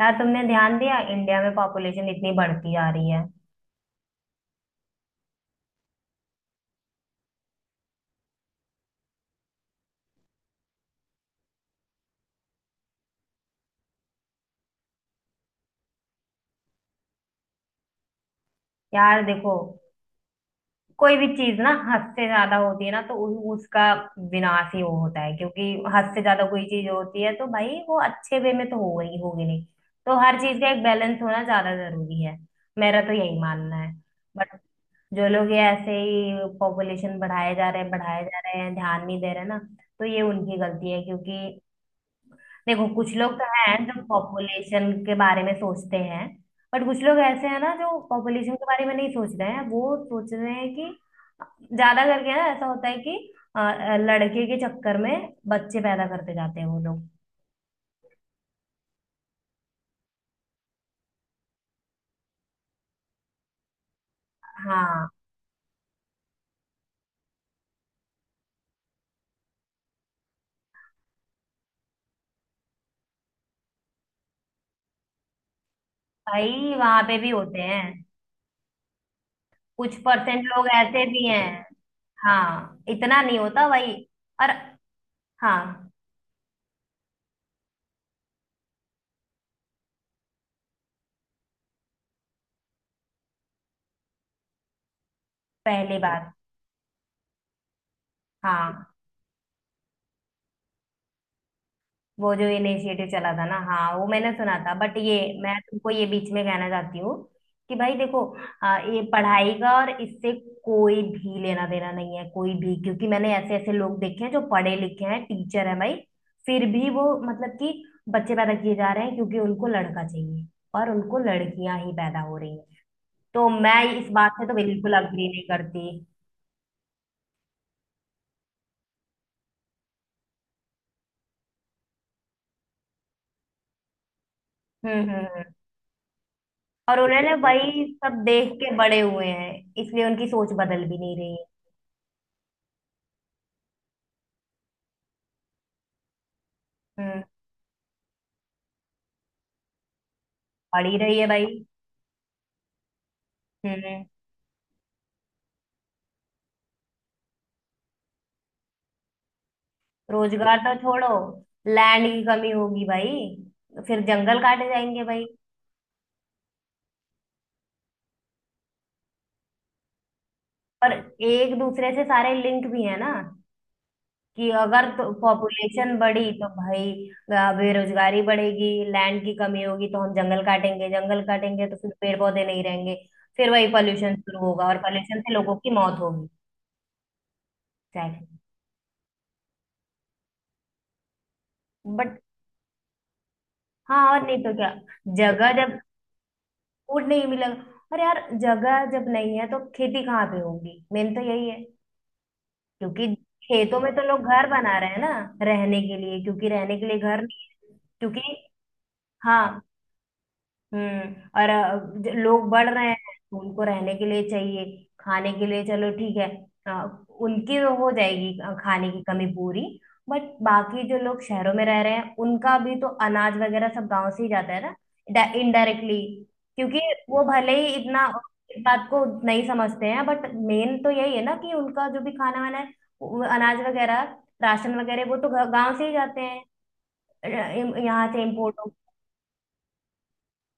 यार तुमने ध्यान दिया, इंडिया में पॉपुलेशन इतनी बढ़ती जा रही है। यार देखो, कोई भी चीज ना हद से ज्यादा होती है ना तो उसका विनाश ही हो होता है। क्योंकि हद से ज्यादा कोई चीज होती है तो भाई वो अच्छे वे में तो हो गई होगी नहीं। तो हर चीज का एक बैलेंस होना ज्यादा जरूरी है। मेरा तो यही मानना है। बट जो लोग ये ऐसे ही पॉपुलेशन बढ़ाए जा रहे हैं बढ़ाए जा रहे हैं, ध्यान नहीं दे रहे ना। तो ये उनकी गलती है। क्योंकि देखो, कुछ लोग तो हैं जो पॉपुलेशन के बारे में सोचते हैं। बट कुछ लोग ऐसे हैं ना जो पॉपुलेशन के बारे में नहीं सोच रहे हैं, वो सोच रहे हैं कि ज्यादा करके ना ऐसा होता है कि लड़के के चक्कर में बच्चे पैदा करते जाते हैं वो लोग। हाँ, भाई वहां पे भी होते हैं। कुछ परसेंट लोग ऐसे भी हैं। हाँ, इतना नहीं होता भाई। और हाँ, पहली बात। हाँ, वो जो इनिशिएटिव चला था ना, हाँ वो मैंने सुना था। बट ये, मैं तुमको ये बीच में कहना चाहती हूँ कि भाई देखो, ये पढ़ाई का और इससे कोई भी लेना देना नहीं है, कोई भी। क्योंकि मैंने ऐसे ऐसे लोग देखे हैं जो पढ़े लिखे हैं, टीचर है भाई। फिर भी वो मतलब कि बच्चे पैदा किए जा रहे हैं क्योंकि उनको लड़का चाहिए और उनको लड़कियां ही पैदा हो रही हैं। तो मैं इस बात से तो बिल्कुल अग्री नहीं करती। हम्म हम्म हम्म। और उन्होंने वही सब देख के बड़े हुए हैं, इसलिए उनकी सोच बदल भी नहीं रही है। हम्म। बढ़ ही रही है भाई। हम्म। रोजगार तो छोड़ो, लैंड की कमी होगी भाई। फिर जंगल काटे जाएंगे भाई। पर एक दूसरे से सारे लिंक भी है ना, कि अगर तो पॉपुलेशन बढ़ी तो भाई बेरोजगारी बढ़ेगी, लैंड की कमी होगी तो हम जंगल काटेंगे, जंगल काटेंगे तो फिर पेड़ पौधे नहीं रहेंगे, फिर वही पॉल्यूशन शुरू होगा और पॉल्यूशन से लोगों की मौत होगी। एग्जैक्टली। बट हाँ, और नहीं तो क्या। जगह जब फूड नहीं मिलेगा, और यार जगह जब नहीं है तो खेती कहाँ पे होगी। मेन तो यही है। क्योंकि खेतों में तो लोग घर बना रहे हैं ना, रहने के लिए। क्योंकि रहने के लिए घर नहीं है क्योंकि। हाँ। हम्म। और लोग बढ़ रहे हैं तो उनको रहने के लिए चाहिए। खाने के लिए चलो ठीक है। अ, उनकी तो हो जाएगी खाने की कमी पूरी। बट बाकी जो लोग शहरों में रह रहे हैं उनका भी तो अनाज वगैरह सब गांव से ही जाता है ना, इनडायरेक्टली। क्योंकि वो भले ही इतना इस बात को नहीं समझते हैं, बट मेन तो यही है ना कि उनका जो भी खाना वाना है, वो अनाज वगैरह, राशन वगैरह, वो तो गांव से ही जाते हैं। यहाँ से इम्पोर्ट,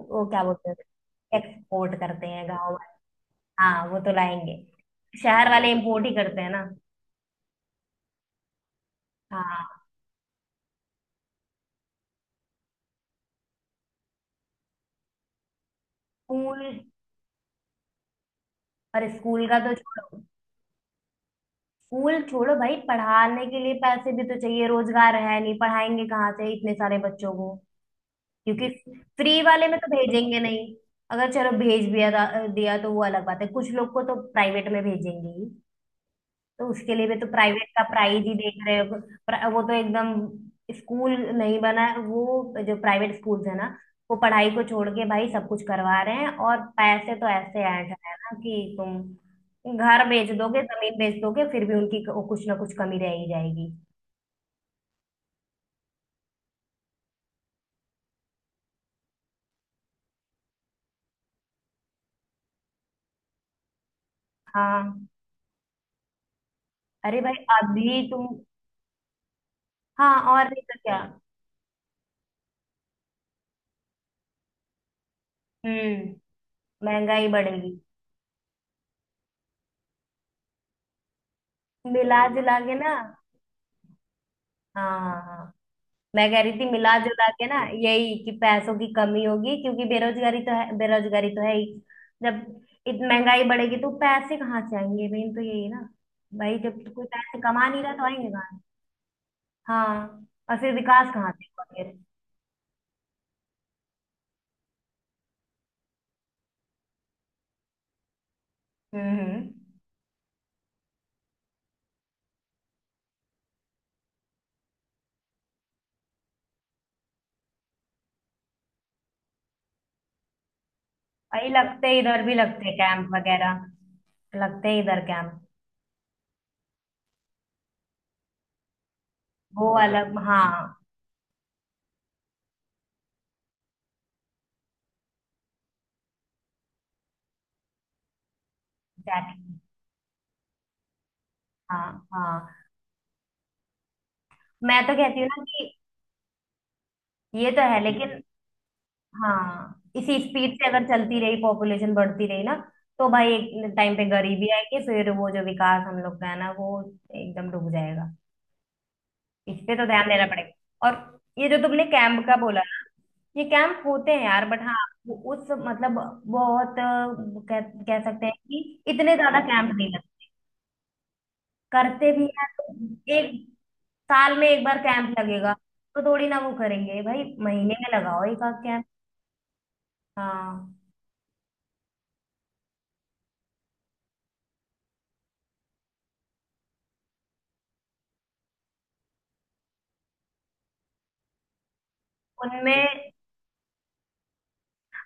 वो क्या बोलते हैं, एक्सपोर्ट करते हैं गाँव वाले। हाँ, वो तो लाएंगे। शहर वाले इम्पोर्ट ही करते हैं ना। हाँ, स्कूल। और स्कूल का तो छोड़ो। स्कूल छोड़ो भाई, पढ़ाने के लिए पैसे भी तो चाहिए, रोजगार है नहीं, पढ़ाएंगे कहाँ से इतने सारे बच्चों को। क्योंकि फ्री वाले में तो भेजेंगे नहीं। अगर चलो भेज भी दिया दिया तो वो अलग बात है, कुछ लोग को तो प्राइवेट में भेजेंगे ही। तो उसके लिए भी तो प्राइवेट का प्राइस ही देख रहे हो। वो तो एकदम स्कूल नहीं बना है। वो जो प्राइवेट स्कूल्स है ना, वो पढ़ाई को छोड़ के भाई सब कुछ करवा रहे हैं, और पैसे तो ऐसे ऐड है ना कि तुम घर बेच दोगे, जमीन बेच दोगे, फिर भी उनकी कुछ ना कुछ कमी रह ही जाएगी। हाँ। अरे भाई अभी तुम। हाँ और नहीं तो क्या। हम्म। महंगाई बढ़ेगी। मिला जुला के ना। हाँ हाँ हाँ। मैं कह रही थी मिला जुला के ना, यही कि पैसों की कमी होगी, क्योंकि बेरोजगारी तो है, बेरोजगारी तो है ही। जब इतनी महंगाई बढ़ेगी तो पैसे कहाँ से आएंगे, मेन तो यही है ना। भाई जब कोई पैसे कमा नहीं रहा तो आएंगे कहाँ से? हाँ, और फिर विकास कहाँ से होगा फिर। हम्म हम्म। भाई लगते हैं, इधर भी लगते हैं कैंप वगैरह, लगते हैं इधर कैंप। वो अलग हाँ। एग्जैक्टली। हाँ हाँ। मैं तो कहती हूँ ना कि ये तो है लेकिन। हाँ, इसी स्पीड से अगर चलती रही, पॉपुलेशन बढ़ती रही ना, तो भाई एक टाइम पे गरीबी आएगी, फिर वो जो विकास हम लोग का है ना वो एकदम डूब जाएगा। इस पे तो ध्यान देना पड़ेगा। और ये जो तुमने कैंप का बोला ना, ये कैंप होते हैं यार, बट हाँ, उस मतलब, बहुत कह सकते हैं कि इतने ज्यादा कैंप नहीं लगते। करते भी हैं तो एक साल में एक बार कैंप लगेगा, तो थोड़ी ना वो करेंगे भाई, महीने में लगाओ एक आध कैंप। हाँ। उनमें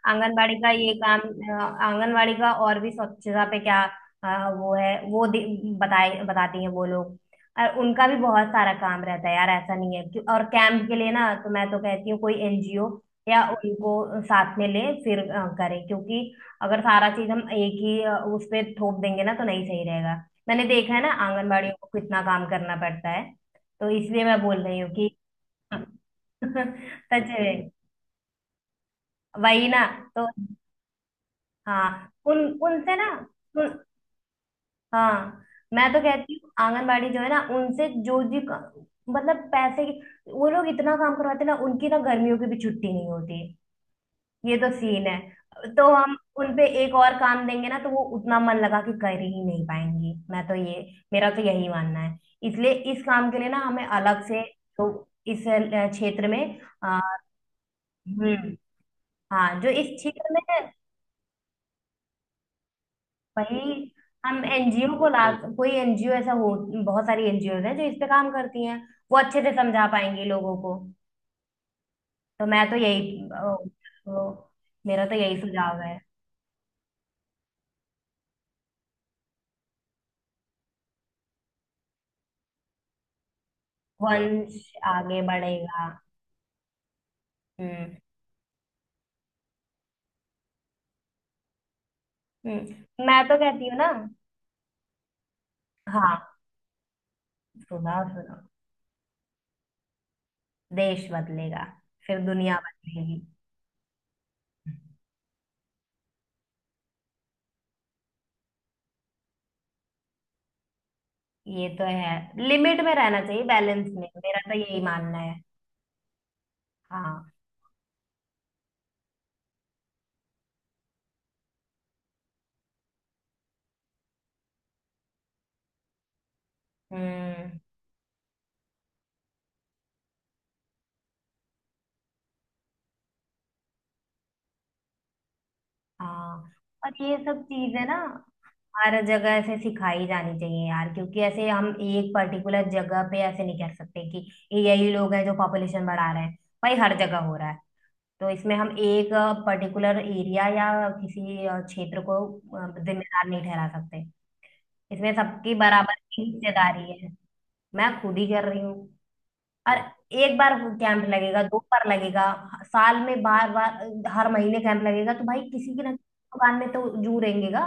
आंगनवाड़ी का ये काम, आंगनवाड़ी का और भी स्वच्छता पे क्या, वो है, वो बताए बताती हैं वो लोग। और उनका भी बहुत सारा काम रहता है यार, ऐसा नहीं है। और कैंप के लिए ना तो मैं तो कहती हूँ कोई एनजीओ या उनको साथ में ले फिर करें। क्योंकि अगर सारा चीज हम एक ही उस पे थोप देंगे ना तो नहीं सही रहेगा। मैंने देखा है ना आंगनवाड़ियों को कितना काम करना पड़ता है। तो इसलिए मैं बोल रही हूँ कि सच में। वही ना। तो हाँ उन उनसे ना, उन, हाँ, मैं तो कहती हूँ आंगनबाड़ी जो है ना उनसे, मतलब पैसे की। वो लोग इतना काम करवाते हैं ना, उनकी ना गर्मियों की भी छुट्टी नहीं होती। ये तो सीन है, तो हम उनपे एक और काम देंगे ना तो वो उतना मन लगा के कर ही नहीं पाएंगी। मैं तो ये, मेरा तो यही मानना है। इसलिए इस काम के लिए ना हमें अलग से, तो इस क्षेत्र में हम्म, हाँ जो इस क्षेत्र में है। वही। हम एनजीओ को ला, कोई एनजीओ ऐसा हो, बहुत सारी एनजीओ हैं जो इस पे काम करती हैं, वो अच्छे से समझा पाएंगी लोगों को। तो मैं तो यही तो मेरा तो यही सुझाव है हाँ। वंश आगे बढ़ेगा। हम्म हम्म। मैं तो कहती हूँ ना। हाँ। सुना सुनो। देश बदलेगा, फिर दुनिया बदलेगी। ये तो है, लिमिट में रहना चाहिए, बैलेंस में, मेरा तो यही मानना है। हाँ। हम्म। हाँ। और ये सब चीजें ना हर जगह ऐसे सिखाई जानी चाहिए यार। क्योंकि ऐसे हम एक पर्टिकुलर जगह पे ऐसे नहीं कर सकते कि ये यही लोग हैं जो पॉपुलेशन बढ़ा रहे हैं, भाई हर जगह हो रहा है। तो इसमें हम एक पर्टिकुलर एरिया या किसी क्षेत्र को जिम्मेदार नहीं ठहरा सकते। इसमें सबकी बराबर की हिस्सेदारी है। मैं खुद ही कर रही हूँ। और एक बार कैंप लगेगा, दो बार लगेगा, साल में बार बार हर महीने कैंप लगेगा, तो भाई किसी की ना किसी दुकान में तो जू रहेंगेगा।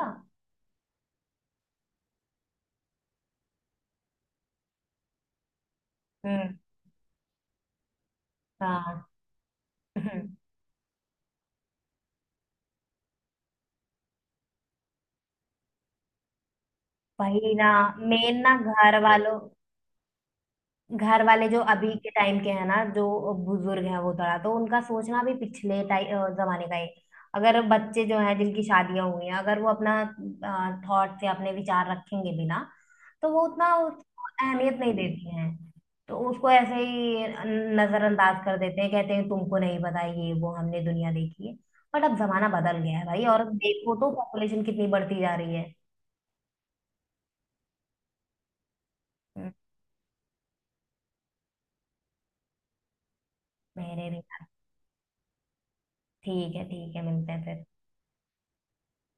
हम्म। हाँ। वही ना। मेन ना घर वालों, घर वाले जो अभी के टाइम के हैं ना, जो बुजुर्ग हैं, वो थोड़ा तो उनका सोचना भी पिछले जमाने का है। अगर बच्चे जो हैं जिनकी शादियां हुई हैं, अगर वो अपना थॉट से अपने विचार रखेंगे भी ना, तो वो उतना उसको अहमियत नहीं देती हैं। तो उसको ऐसे ही नजरअंदाज कर देते हैं, कहते हैं तुमको नहीं पता, ये वो हमने दुनिया देखी है। बट अब जमाना बदल गया है भाई, और देखो तो पॉपुलेशन कितनी बढ़ती जा रही है। हम्म, मेरे भी। ठीक है ठीक है, मिलते हैं फिर।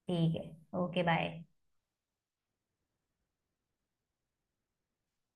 ठीक है। Okay bye.